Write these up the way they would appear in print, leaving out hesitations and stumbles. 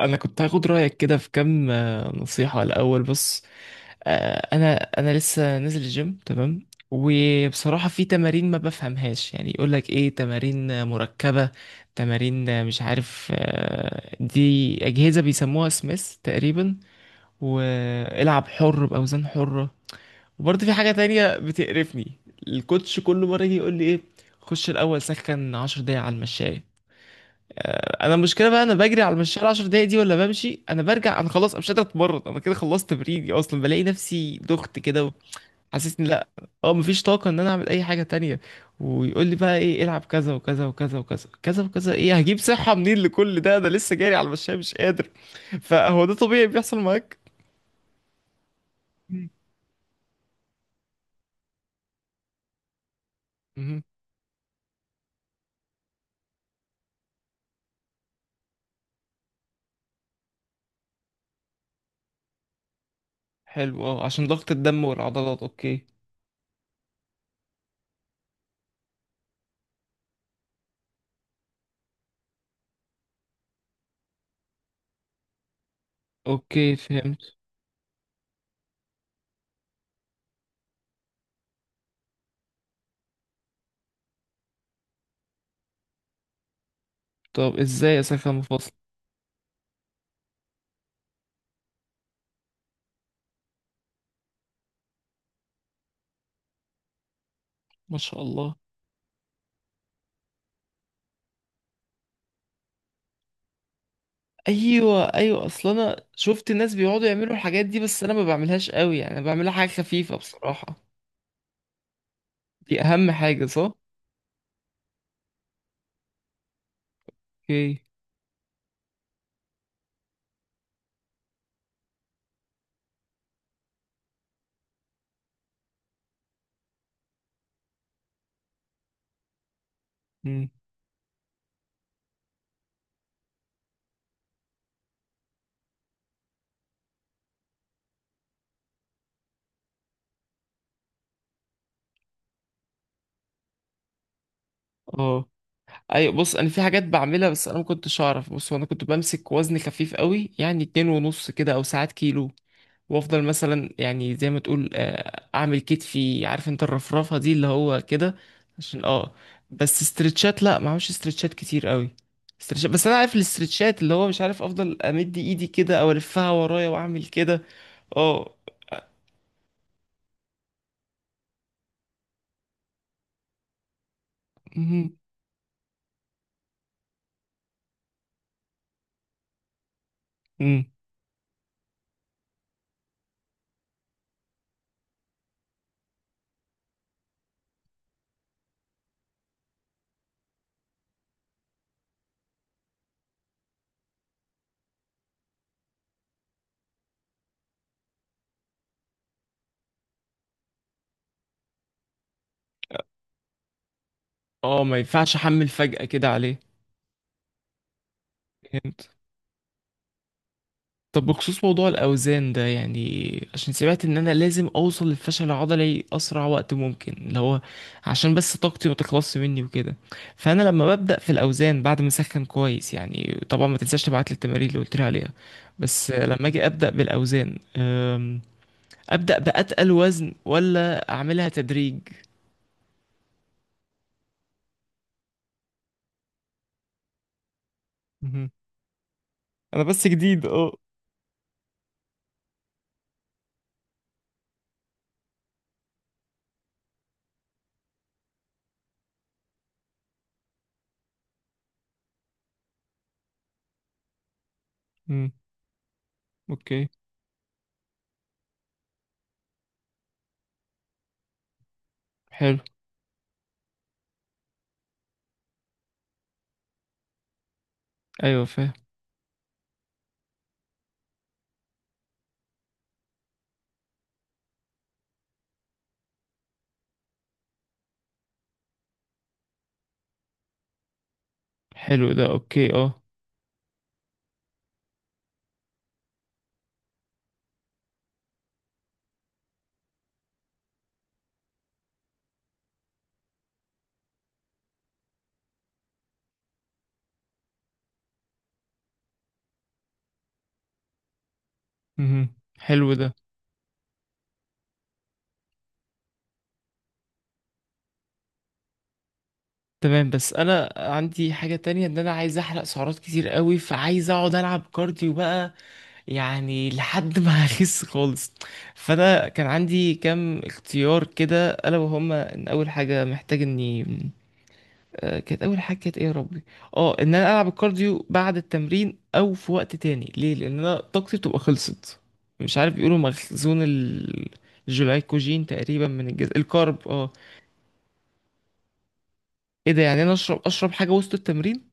انا كنت هاخد رايك كده في كام نصيحه، الاول بص. آه، انا انا لسه نازل الجيم، تمام. وبصراحه في تمارين ما بفهمهاش، يعني يقول لك ايه، تمارين مركبه، تمارين مش عارف، دي اجهزه بيسموها سميث تقريبا، والعب حر باوزان حره. وبرضه في حاجه تانية بتقرفني، الكوتش كل مره يجي يقول لي ايه، خش الاول سخن 10 دقايق على المشاية. انا المشكله بقى، انا بجري على المشوار 10 دقايق دي، ولا بمشي، انا برجع، انا خلاص، أنا مش قادر اتمرن، انا كده خلصت تمريني اصلا، بلاقي نفسي دخت كده. حاسسني لا. اه، مفيش طاقه ان انا اعمل اي حاجه تانية. ويقول لي بقى ايه، العب كذا وكذا وكذا وكذا كذا وكذا، ايه، هجيب صحه منين لكل ده، انا لسه جاري على المشاية مش قادر. فهو ده طبيعي بيحصل معاك؟ مم. مهم. حلو، اه، عشان ضغط الدم والعضلات، اوكي. اوكي، فهمت. طب ازاي اسخن مفاصل؟ ما شاء الله. ايوه، ايوه، اصل انا شفت الناس بيقعدوا يعملوا الحاجات دي، بس انا ما بعملهاش قوي، يعني أنا بعملها حاجه خفيفه بصراحه. دي اهم حاجه، صح. اوكي. امم. اه. ايوه، بص، انا في حاجات بعملها بس انا ما كنتش اعرف، بص هو انا كنت بمسك وزن خفيف قوي يعني، اتنين ونص كده او ساعات كيلو. وافضل مثلا يعني زي ما تقول اعمل كتفي، عارف انت الرفرفه دي اللي هو كده. عشان اه، بس استرتشات، لا ما اعملش استرتشات كتير قوي. استرتشات، بس انا عارف الاسترتشات، اللي هو مش عارف، افضل امد ايدي كده او الفها ورايا واعمل كده. اه. مهم. مم. اه، ما ينفعش احمل فجأة كده عليه. فهمت. طب بخصوص موضوع الأوزان ده، يعني عشان سمعت إن أنا لازم أوصل للفشل العضلي أسرع وقت ممكن، اللي هو عشان بس طاقتي ما تخلصش مني وكده. فأنا لما ببدأ في الأوزان بعد ما أسخن كويس، يعني طبعا ما تنساش تبعت لي التمارين اللي قلت لي عليها. بس لما أجي أبدأ بالأوزان، أبدأ بأتقل وزن ولا أعملها تدريج؟ مهم. أنا بس جديد أه. مم. اوكي. حلو. أيوة، فاهم. حلو ده، أوكي، أه. مهم. حلو ده. تمام، بس انا عندي حاجة تانية، ان انا عايز احرق سعرات كتير قوي، فعايز اقعد العب كارديو بقى، يعني لحد ما اخس خالص. فانا كان عندي كام اختيار كده، الا وهما، ان اول حاجة محتاج اني كانت اول حاجة، كانت ايه يا ربي؟ اه، ان انا العب الكارديو بعد التمرين او في وقت تاني، ليه، لان انا طاقتي بتبقى خلصت، مش عارف، بيقولوا مخزون الجلايكوجين تقريبا من الجسم، الكارب اه. ايه ده، يعني انا اشرب حاجة وسط التمرين؟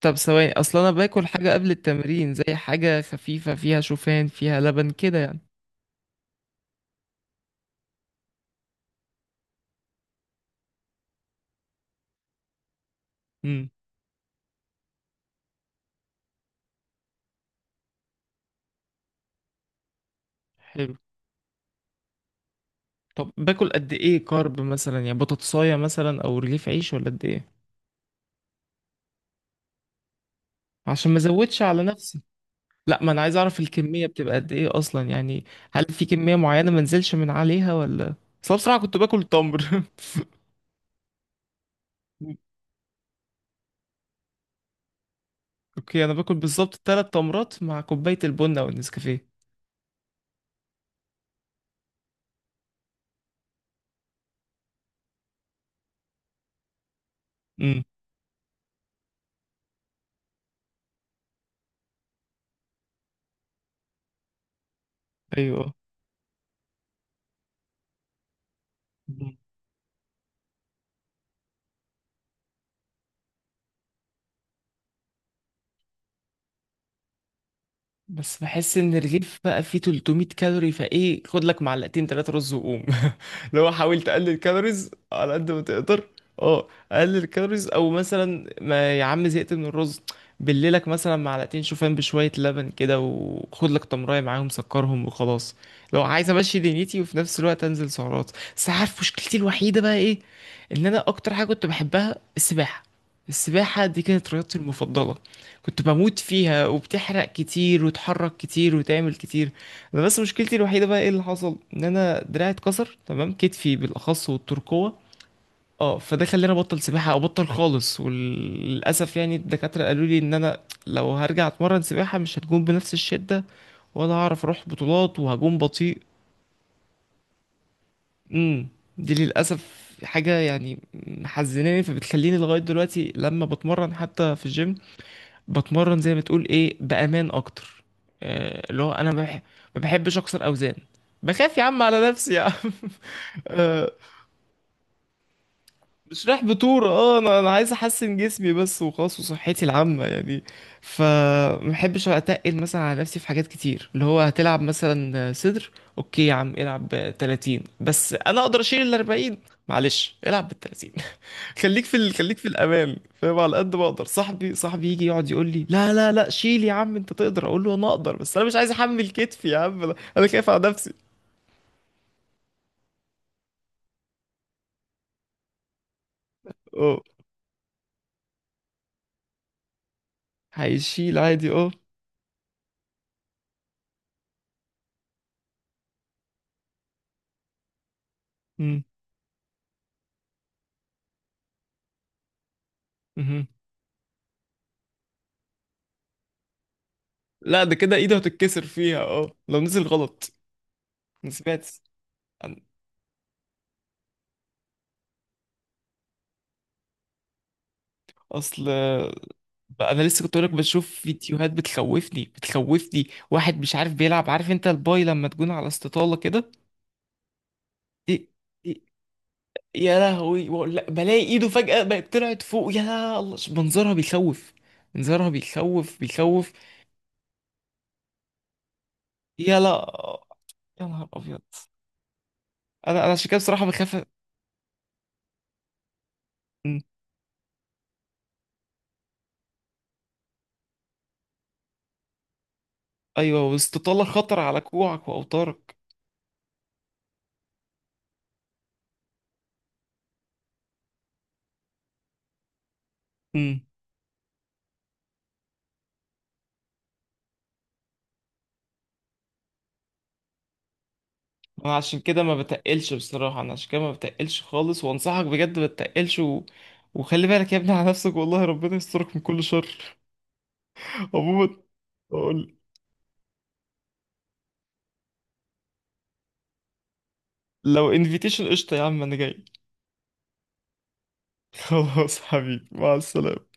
طب ثواني، اصل انا باكل حاجه قبل التمرين زي حاجه خفيفه فيها شوفان فيها لبن كده يعني. امم. حلو. طب باكل قد ايه كارب مثلا، يعني بطاطسايه مثلا او رغيف عيش، ولا قد ايه؟ عشان ما ازودش على نفسي. لا، ما انا عايز اعرف الكميه بتبقى قد ايه اصلا يعني، هل في كميه معينه ما انزلش من عليها ولا؟ اصل أنا بصراحه كنت باكل تمر. اوكي، انا باكل بالظبط ثلاث تمرات مع كوبايه البن او النسكافيه. امم. ايوه. بس بحس ان الرغيف بقى فيه 300 كالوري، فايه خد لك معلقتين تلاتة رز وقوم. لو حاول تقلل الكالوريز على قد ما تقدر. اه. قلل الكالوريز، او مثلا، ما يا عم زهقت من الرز، بليلك مثلا معلقتين شوفان بشوية لبن كده، وخد لك تمراية معاهم سكرهم وخلاص، لو عايز امشي دنيتي وفي نفس الوقت انزل سعرات. بس عارف مشكلتي الوحيدة بقى ايه؟ ان انا اكتر حاجة كنت بحبها السباحة. السباحة دي كانت رياضتي المفضلة، كنت بموت فيها، وبتحرق كتير وتحرك كتير وتعمل كتير. انا بس مشكلتي الوحيده بقى ايه، اللي حصل ان انا دراعي اتكسر، تمام، كتفي بالاخص والترقوه. اه، فده خلاني ابطل سباحه، او ابطل خالص، وللاسف يعني الدكاتره قالوا لي ان انا لو هرجع اتمرن سباحه مش هتكون بنفس الشده، ولا هعرف اروح بطولات، وهجوم بطيء. امم. دي للاسف حاجه يعني محزناني، فبتخليني لغايه دلوقتي لما بتمرن حتى في الجيم بتمرن زي ما تقول ايه، بامان اكتر. اللي هو انا ما بحبش اكسر اوزان. بخاف يا عم على نفسي يا عم. آه، مش رايح بطولة، اه، انا عايز احسن جسمي بس وخلاص، وصحتي العامة يعني. فما بحبش اتقل مثلا على نفسي في حاجات كتير، اللي هو هتلعب مثلا صدر، اوكي يا عم، العب 30، بس انا اقدر اشيل ال 40، معلش العب بال 30. خليك في الامان، فاهم، على قد ما اقدر، صاحبي يجي يقعد يقول لي لا لا لا شيل يا عم انت تقدر، اقول له انا اقدر بس انا مش عايز احمل كتفي يا عم، انا خايف على نفسي. اه، هيشيل عادي اه. مم. مهم. لا ده كده ايده هتتكسر فيها، اه لو نزل غلط. ما سمعت عن- اصل بقى انا لسه كنت لك بشوف فيديوهات بتخوفني بتخوفني، واحد مش عارف بيلعب، عارف انت الباي لما تكون على استطالة كده. ايه؟ إيه، يا لهوي، بقول لك بلاقي ايده فجأة بقت طلعت فوق، يا الله منظرها بيخوف، منظرها بيخوف بيخوف. يا لا. يا نهار ابيض. انا عشان كده بصراحة بخاف. أمم. ايوه، واستطالة خطر على كوعك واوتارك. أمم. انا عشان كده ما بتقلش بصراحة، انا عشان كده ما بتقلش خالص، وانصحك بجد ما تتقلش وخلي بالك يا ابني على نفسك، والله ربنا يسترك من كل شر. عموما، أقول- لو انفيتيشن قشطة يا عم انا جاي. خلاص حبيبي مع السلامة.